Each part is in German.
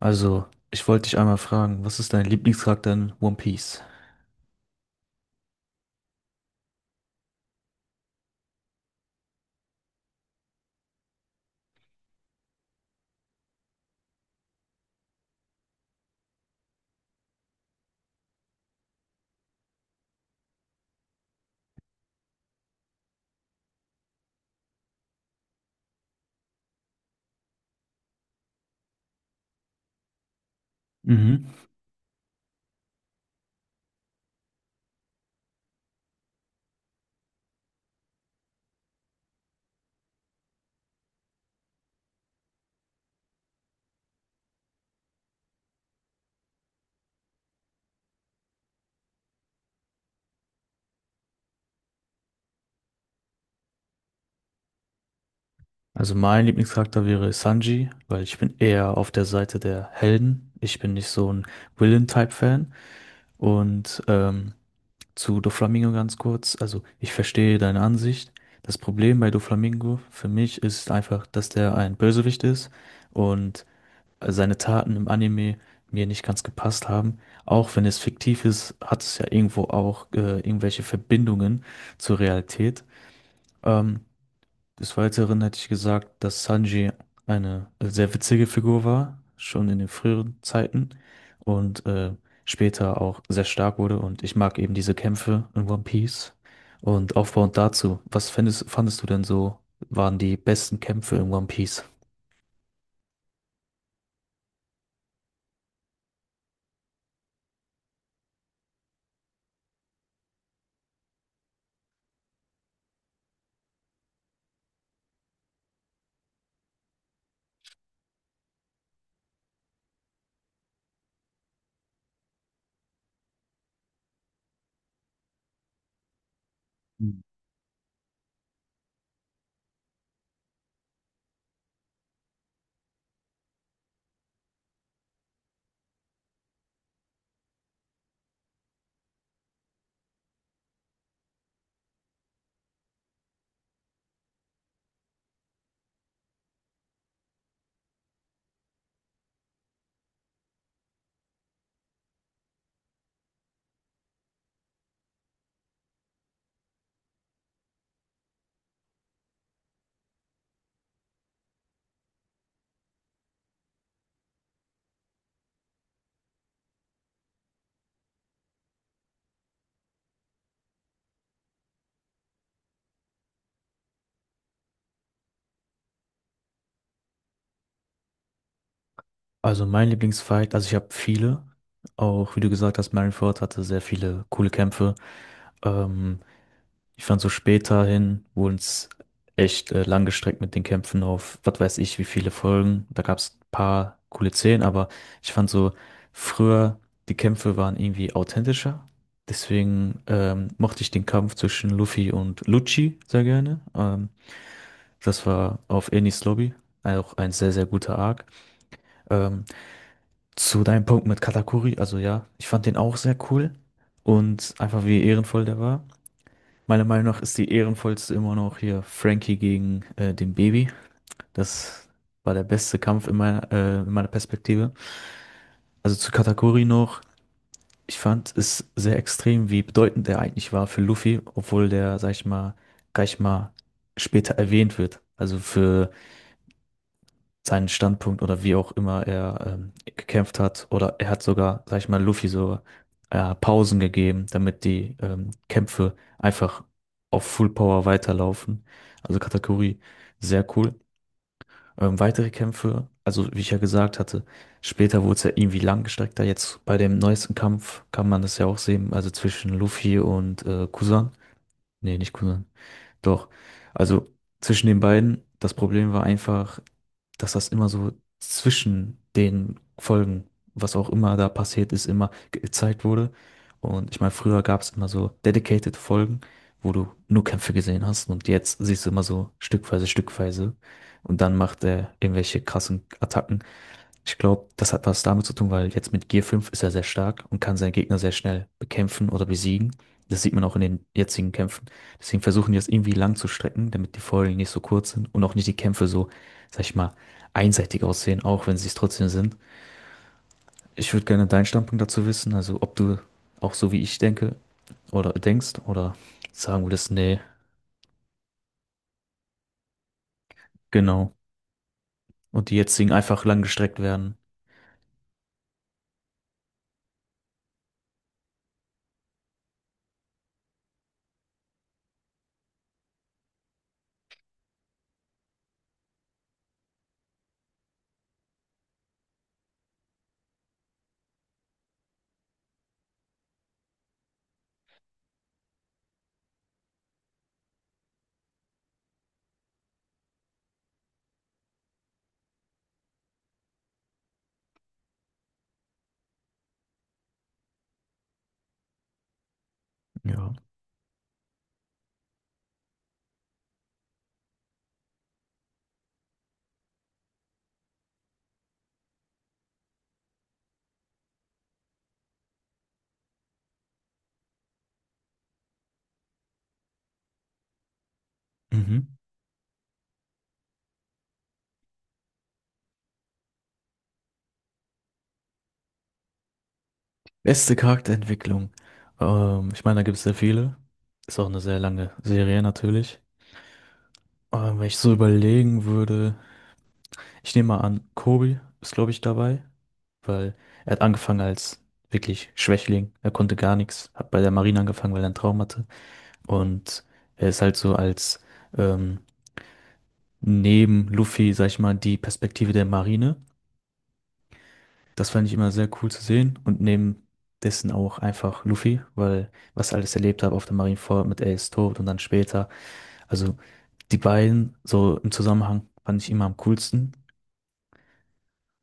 Also, ich wollte dich einmal fragen, was ist dein Lieblingscharakter in One Piece? Mhm. Also, mein Lieblingscharakter wäre Sanji, weil ich bin eher auf der Seite der Helden. Ich bin nicht so ein Villain-Type-Fan. Und zu Doflamingo ganz kurz. Also, ich verstehe deine Ansicht. Das Problem bei Doflamingo für mich ist einfach, dass der ein Bösewicht ist. Und seine Taten im Anime mir nicht ganz gepasst haben. Auch wenn es fiktiv ist, hat es ja irgendwo auch irgendwelche Verbindungen zur Realität. Ähm, des Weiteren hätte ich gesagt, dass Sanji eine sehr witzige Figur war, schon in den früheren Zeiten und später auch sehr stark wurde. Und ich mag eben diese Kämpfe in One Piece. Und aufbauend dazu, fandest du denn so, waren die besten Kämpfe in One Piece? Also mein Lieblingsfight, also ich habe viele, auch wie du gesagt hast, Marineford hatte sehr viele coole Kämpfe. Ähm, ich fand so später hin, wurden es echt lang gestreckt mit den Kämpfen auf, was weiß ich, wie viele Folgen. Da gab es ein paar coole Szenen, aber ich fand so früher, die Kämpfe waren irgendwie authentischer. Deswegen mochte ich den Kampf zwischen Luffy und Lucci sehr gerne. Das war auf Enies Lobby, auch ein sehr, sehr guter Arc. Ähm, zu deinem Punkt mit Katakuri, also ja, ich fand den auch sehr cool und einfach wie ehrenvoll der war. Meiner Meinung nach ist die ehrenvollste immer noch hier Frankie gegen den Baby. Das war der beste Kampf in in meiner Perspektive. Also zu Katakuri noch, ich fand es sehr extrem, wie bedeutend er eigentlich war für Luffy, obwohl der, sag ich mal, gleich mal später erwähnt wird. Also für seinen Standpunkt oder wie auch immer er gekämpft hat. Oder er hat sogar, sag ich mal, Luffy so Pausen gegeben, damit die Kämpfe einfach auf Full Power weiterlaufen. Also Katakuri, sehr cool. Weitere Kämpfe, also wie ich ja gesagt hatte, später wurde es ja irgendwie langgestreckter. Jetzt bei dem neuesten Kampf kann man das ja auch sehen, also zwischen Luffy und Kusan. Nee, nicht Kusan. Doch. Also zwischen den beiden, das Problem war einfach, dass das immer so zwischen den Folgen, was auch immer da passiert ist, immer gezeigt wurde. Und ich meine, früher gab es immer so dedicated Folgen, wo du nur Kämpfe gesehen hast und jetzt siehst du immer so stückweise und dann macht er irgendwelche krassen Attacken. Ich glaube, das hat was damit zu tun, weil jetzt mit Gear 5 ist er sehr stark und kann seinen Gegner sehr schnell bekämpfen oder besiegen. Das sieht man auch in den jetzigen Kämpfen. Deswegen versuchen die das irgendwie lang zu strecken, damit die Folgen nicht so kurz sind und auch nicht die Kämpfe so, sag ich mal, einseitig aussehen, auch wenn sie es trotzdem sind. Ich würde gerne deinen Standpunkt dazu wissen, also ob du auch so wie ich denke oder denkst oder sagen würdest, nee, genau. Und die jetzigen einfach lang gestreckt werden. Ja. Mhm. Beste Charakterentwicklung. Ich meine, da gibt es sehr viele. Ist auch eine sehr lange Serie natürlich. Wenn ich so überlegen würde, ich nehme mal an, Kobe ist, glaube ich, dabei, weil er hat angefangen als wirklich Schwächling. Er konnte gar nichts, hat bei der Marine angefangen, weil er einen Traum hatte. Und er ist halt so als ähm, neben Luffy, sag ich mal, die Perspektive der Marine. Das fand ich immer sehr cool zu sehen und neben dessen auch einfach Luffy, weil was ich alles erlebt habe auf der Marineford mit Ace Tod und dann später. Also die beiden so im Zusammenhang fand ich immer am coolsten.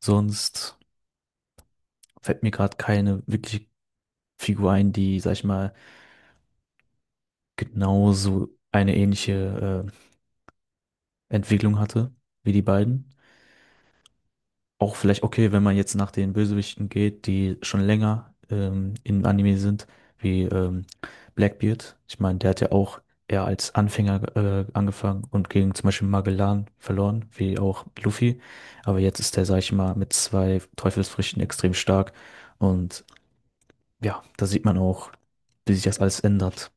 Sonst fällt mir gerade keine wirkliche Figur ein, die, sag ich mal, genauso eine ähnliche Entwicklung hatte wie die beiden. Auch vielleicht okay, wenn man jetzt nach den Bösewichten geht, die schon länger in Anime sind, wie Blackbeard. Ich meine, der hat ja auch eher als Anfänger angefangen und gegen zum Beispiel Magellan verloren, wie auch Luffy. Aber jetzt ist der, sag ich mal, mit zwei Teufelsfrüchten extrem stark. Und ja, da sieht man auch, wie sich das alles ändert.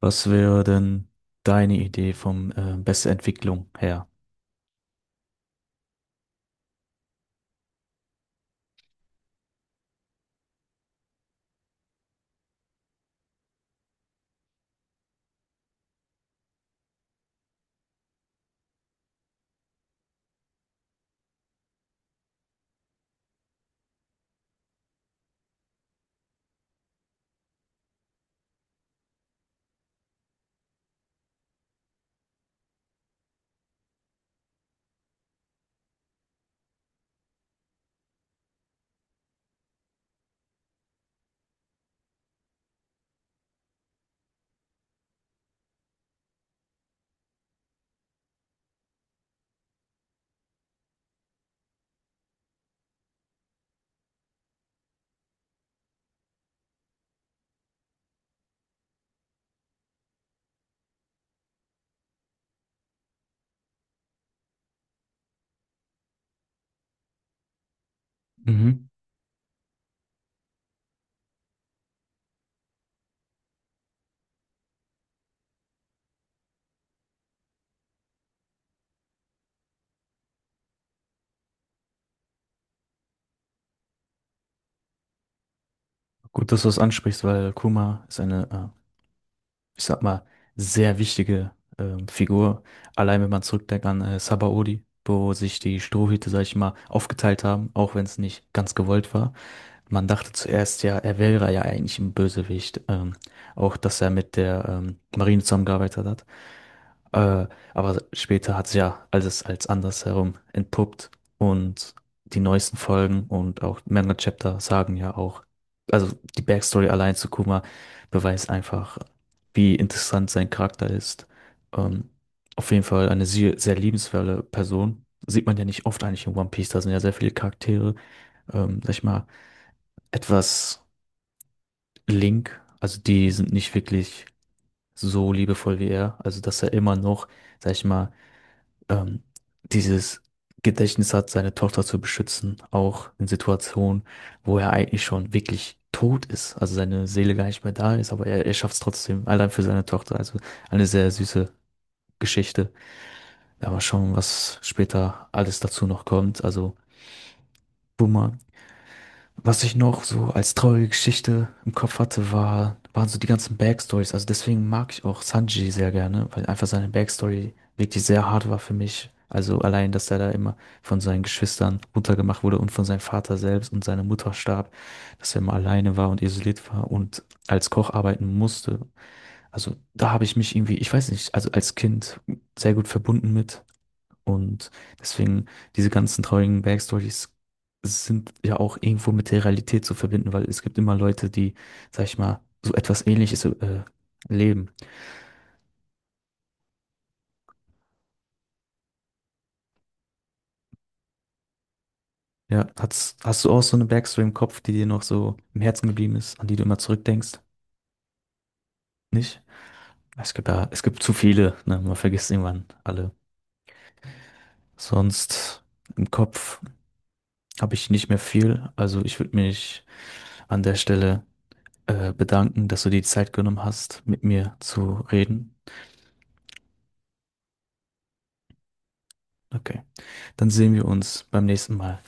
Was wäre denn deine Idee vom beste Entwicklung her? Mhm. Gut, dass du das ansprichst, weil Kuma ist eine ich sag mal, sehr wichtige Figur. Allein wenn man zurückdenkt an Sabaody, wo sich die Strohhüte, sag ich mal, aufgeteilt haben, auch wenn es nicht ganz gewollt war. Man dachte zuerst ja, er wäre ja eigentlich ein Bösewicht. Auch, dass er mit der Marine zusammengearbeitet hat. Äh, aber später hat sich ja alles als andersherum entpuppt und die neuesten Folgen und auch Manga Chapter sagen ja auch, also die Backstory allein zu Kuma beweist einfach, wie interessant sein Charakter ist. Ähm, auf jeden Fall eine sehr, sehr liebenswerte Person. Sieht man ja nicht oft eigentlich in One Piece, da sind ja sehr viele Charaktere, sag ich mal, etwas Link, also die sind nicht wirklich so liebevoll wie er, also dass er immer noch, sag ich mal, ähm, dieses Gedächtnis hat, seine Tochter zu beschützen, auch in Situationen, wo er eigentlich schon wirklich tot ist, also seine Seele gar nicht mehr da ist, aber er schafft es trotzdem, allein für seine Tochter. Also eine sehr süße Geschichte. Ja, mal schauen, was später alles dazu noch kommt. Also Boomer, was ich noch so als traurige Geschichte im Kopf hatte, waren so die ganzen Backstories. Also deswegen mag ich auch Sanji sehr gerne, weil einfach seine Backstory wirklich sehr hart war für mich. Also allein, dass er da immer von seinen Geschwistern runtergemacht wurde und von seinem Vater selbst und seiner Mutter starb, dass er immer alleine war und isoliert war und als Koch arbeiten musste. Also da habe ich mich irgendwie, ich weiß nicht, also als Kind sehr gut verbunden mit. Und deswegen, diese ganzen traurigen Backstories sind ja auch irgendwo mit der Realität zu verbinden, weil es gibt immer Leute, die, sag ich mal, so etwas Ähnliches leben. Ja, hast du auch so eine Backstory im Kopf, die dir noch so im Herzen geblieben ist, an die du immer zurückdenkst? Nicht? Es gibt ja, es gibt zu viele, ne? Man vergisst irgendwann alle. Sonst im Kopf habe ich nicht mehr viel. Also ich würde mich an der Stelle bedanken, dass du dir die Zeit genommen hast, mit mir zu reden. Okay. Dann sehen wir uns beim nächsten Mal.